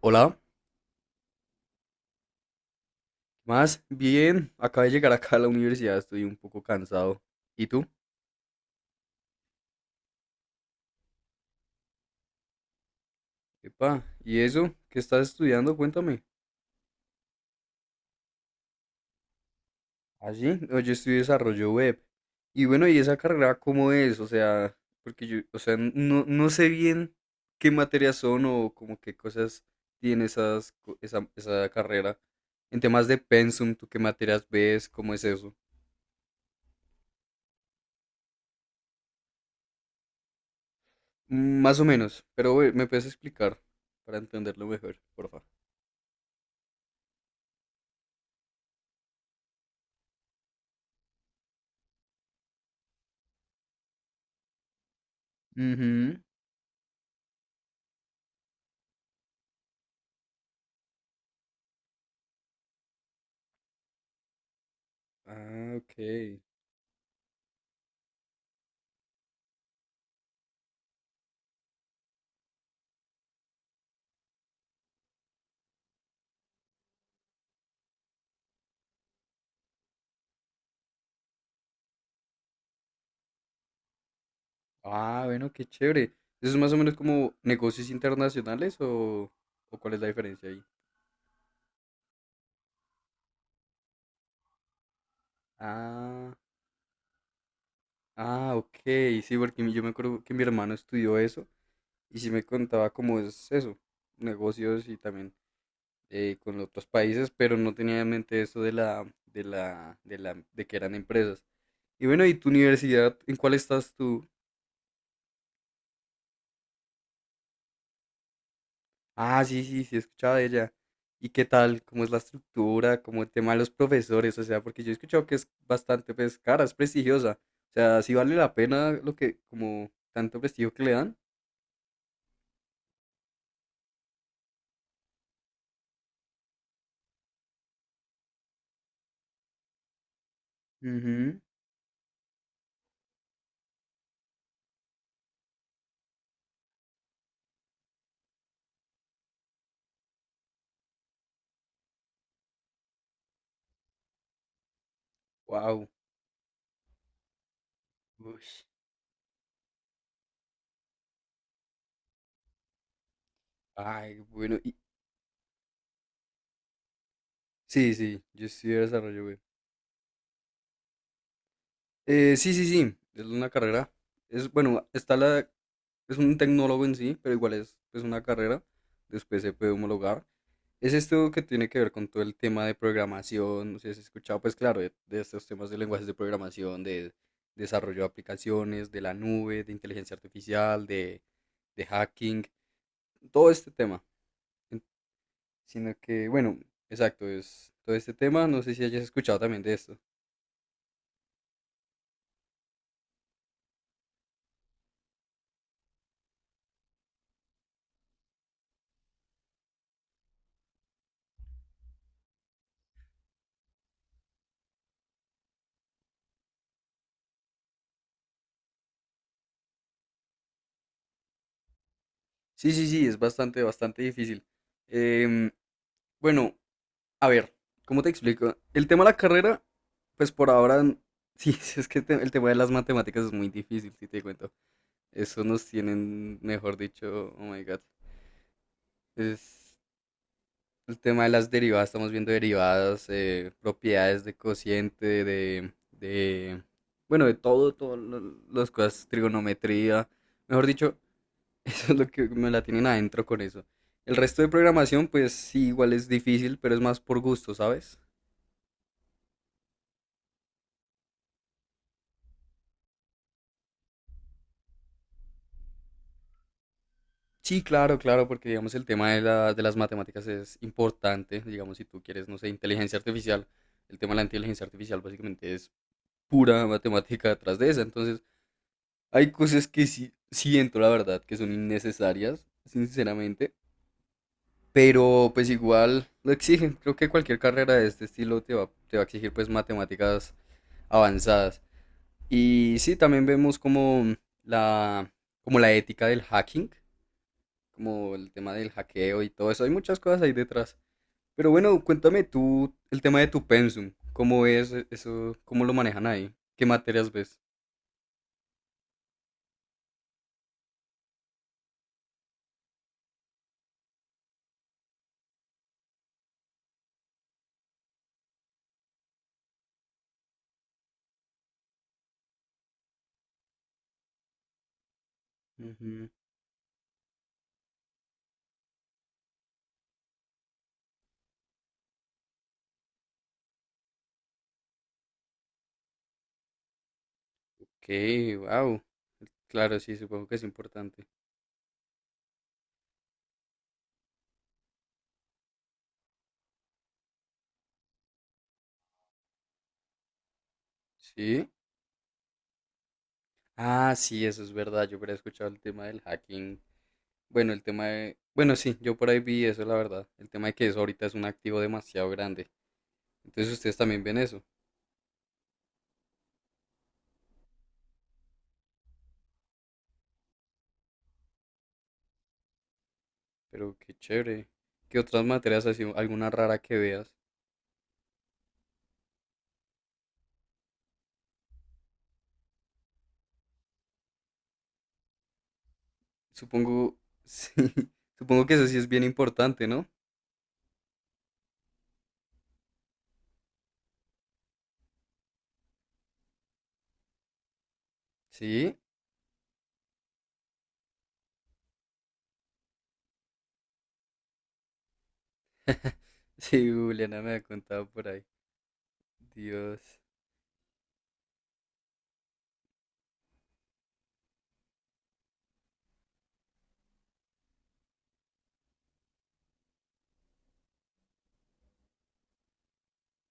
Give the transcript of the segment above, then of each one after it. Hola, más bien, acabé de llegar acá a la universidad, estoy un poco cansado. ¿Y tú? Epa, ¿y eso? ¿Qué estás estudiando? Cuéntame. ¿Ah, sí? No, yo estudio desarrollo web. Y bueno, ¿y esa carrera cómo es? O sea, porque yo, o sea, no, no sé bien qué materias son o como qué cosas tiene esas, esa, carrera. En temas de pensum, ¿tú qué materias ves? ¿Cómo es eso? Mm, más o menos, pero me puedes explicar para entenderlo mejor, por favor. Ah, ok. Ah, bueno, qué chévere. ¿Eso es más o menos como negocios internacionales o cuál es la diferencia ahí? Ah, ok. Sí, porque yo me acuerdo que mi hermano estudió eso y sí me contaba cómo es eso, negocios y también con otros países, pero no tenía en mente eso de que eran empresas. Y bueno, ¿y tu universidad? ¿En cuál estás tú? Ah, sí, sí, sí, he escuchado de ella. ¿Y qué tal? ¿Cómo es la estructura? ¿Cómo el tema de los profesores? O sea, porque yo he escuchado que es bastante, pues, cara, es prestigiosa. O sea, sí vale la pena lo que, como, tanto prestigio que le dan. Mhm. Wow. Ay, bueno. Sí, sí, yo estudié desarrollo web. Sí, sí, sí, es una carrera. Es, bueno, es un tecnólogo en sí, pero igual es una carrera. Después se puede homologar. Es esto que tiene que ver con todo el tema de programación, no sé si has escuchado, pues claro, de estos temas de lenguajes de programación, de desarrollo de aplicaciones, de la nube, de inteligencia artificial, de hacking, todo este tema. En- Sino que, bueno, exacto, es todo este tema, no sé si hayas escuchado también de esto. Sí, sí, sí, es bastante, bastante difícil. Em, bueno, a ver, ¿cómo te explico? El tema de la carrera, pues por ahora, sí, es que el tema de las matemáticas es muy difícil, si te cuento. Eso nos tienen, mejor dicho, oh my god. Es el tema de las derivadas, estamos viendo derivadas, propiedades de cociente, bueno, de todo, todas las cosas, trigonometría, mejor dicho, eso es lo que me la tienen adentro con eso. El resto de programación, pues sí, igual es difícil, pero es más por gusto, ¿sabes? Sí, claro, claro, porque digamos el tema de las matemáticas es importante, digamos si tú quieres, no sé, inteligencia artificial, el tema de la inteligencia artificial básicamente es pura matemática detrás de esa. Entonces, hay cosas que sí siento, la verdad, que son innecesarias, sinceramente. Pero pues igual lo exigen. Creo que cualquier carrera de este estilo te va a exigir pues matemáticas avanzadas. Y sí, también vemos como la, como la ética del hacking, como el tema del hackeo y todo eso. Hay muchas cosas ahí detrás. Pero bueno, cuéntame tú el tema de tu pensum. ¿Cómo es eso? ¿Cómo lo manejan ahí? ¿Qué materias ves? Ujú. Okay, wow. Claro, sí, supongo que es importante. Sí. Ah, sí, eso es verdad. Yo hubiera escuchado el tema del hacking. Bueno, el tema de... Bueno, sí, yo por ahí vi eso, la verdad. El tema de que eso ahorita es un activo demasiado grande. Entonces ustedes también ven eso. Pero qué chévere. ¿Qué otras materias así, alguna rara que veas? Supongo, sí, supongo que eso sí es bien importante, ¿no? Sí, sí, Juliana me ha contado por ahí. Dios.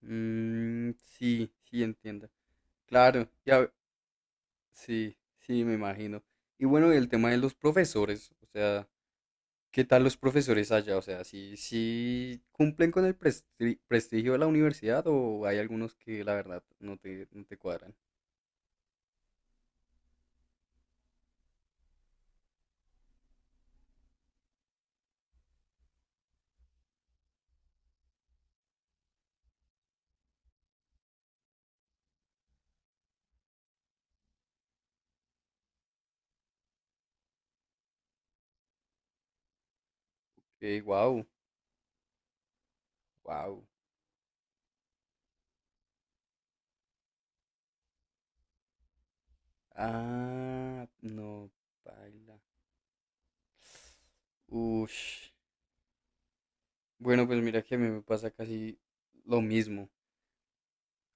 Mm, sí, sí, entiendo. Claro, ya, sí, sí, me imagino. Y bueno, y el tema de los profesores, o sea, ¿qué tal los profesores allá? O sea, ¿sí, sí cumplen con el prestigio de la universidad o hay algunos que la verdad no te, no te cuadran? Wow, wow. Ah, no, baila. Ush. Bueno, pues mira que a mí me pasa casi lo mismo.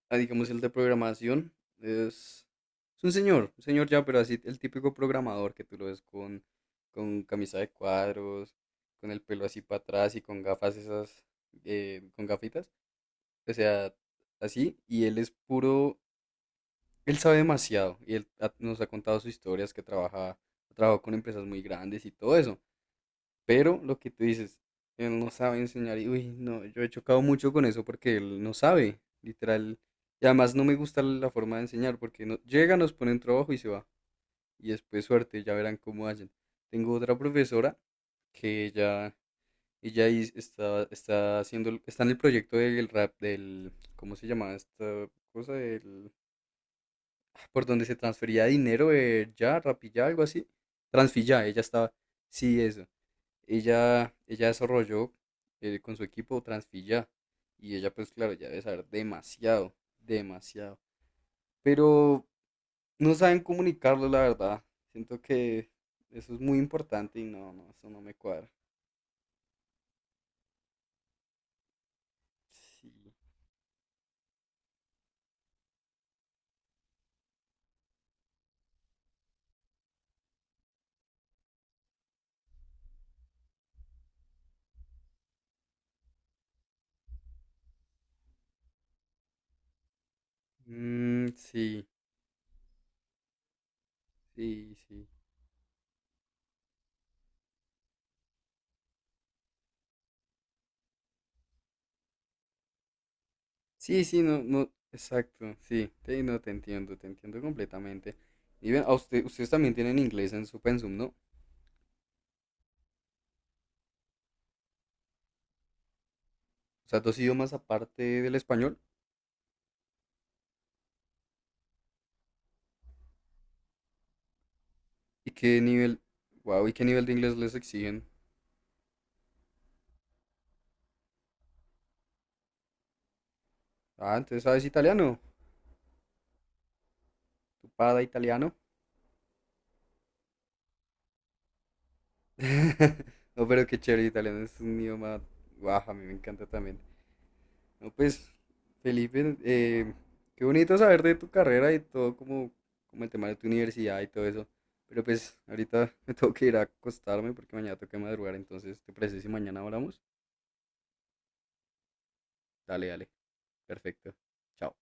Ah, digamos, el de programación es, es un señor ya, pero así el típico programador que tú lo ves con camisa de cuadros, con el pelo así para atrás y con gafas esas, con gafitas, o sea, así, y él es puro, él sabe demasiado, y él nos ha contado sus historias que trabaja, ha trabajado con empresas muy grandes y todo eso. Pero lo que tú dices, él no sabe enseñar y, uy, no, yo he chocado mucho con eso porque él no sabe, literal. Y además no me gusta la forma de enseñar porque no, llega, nos pone un trabajo y se va. Y después suerte, ya verán cómo hacen. Tengo otra profesora que ella, está, está haciendo, está en el proyecto del rap, del, ¿cómo se llama esta cosa? Del, ah, por donde se transfería dinero, ya, rapilla, algo así. Transfilla, ella estaba, sí, eso. Ella desarrolló con su equipo Transfilla y ella pues claro, ya debe saber demasiado, demasiado. Pero no saben comunicarlo, la verdad. Siento que eso es muy importante y no, no, eso no me cuadra. Sí. Mm, sí, sí, sí. Sí, sí, no, no, exacto, sí, te, no, te entiendo completamente. Y ven, ustedes también tienen inglés en su pensum, ¿no? O sea, dos idiomas aparte del español. ¿Y qué nivel, wow, y qué nivel de inglés les exigen? Ah, entonces sabes italiano. Tu pada italiano. No, pero qué chévere, italiano es un idioma, wow, a mí me encanta también. No, pues, Felipe, qué bonito saber de tu carrera y todo como, como el tema de tu universidad y todo eso. Pero pues, ahorita me tengo que ir a acostarme porque mañana tengo que madrugar, entonces, ¿te parece si mañana hablamos? Dale, dale, perfecto. Chao.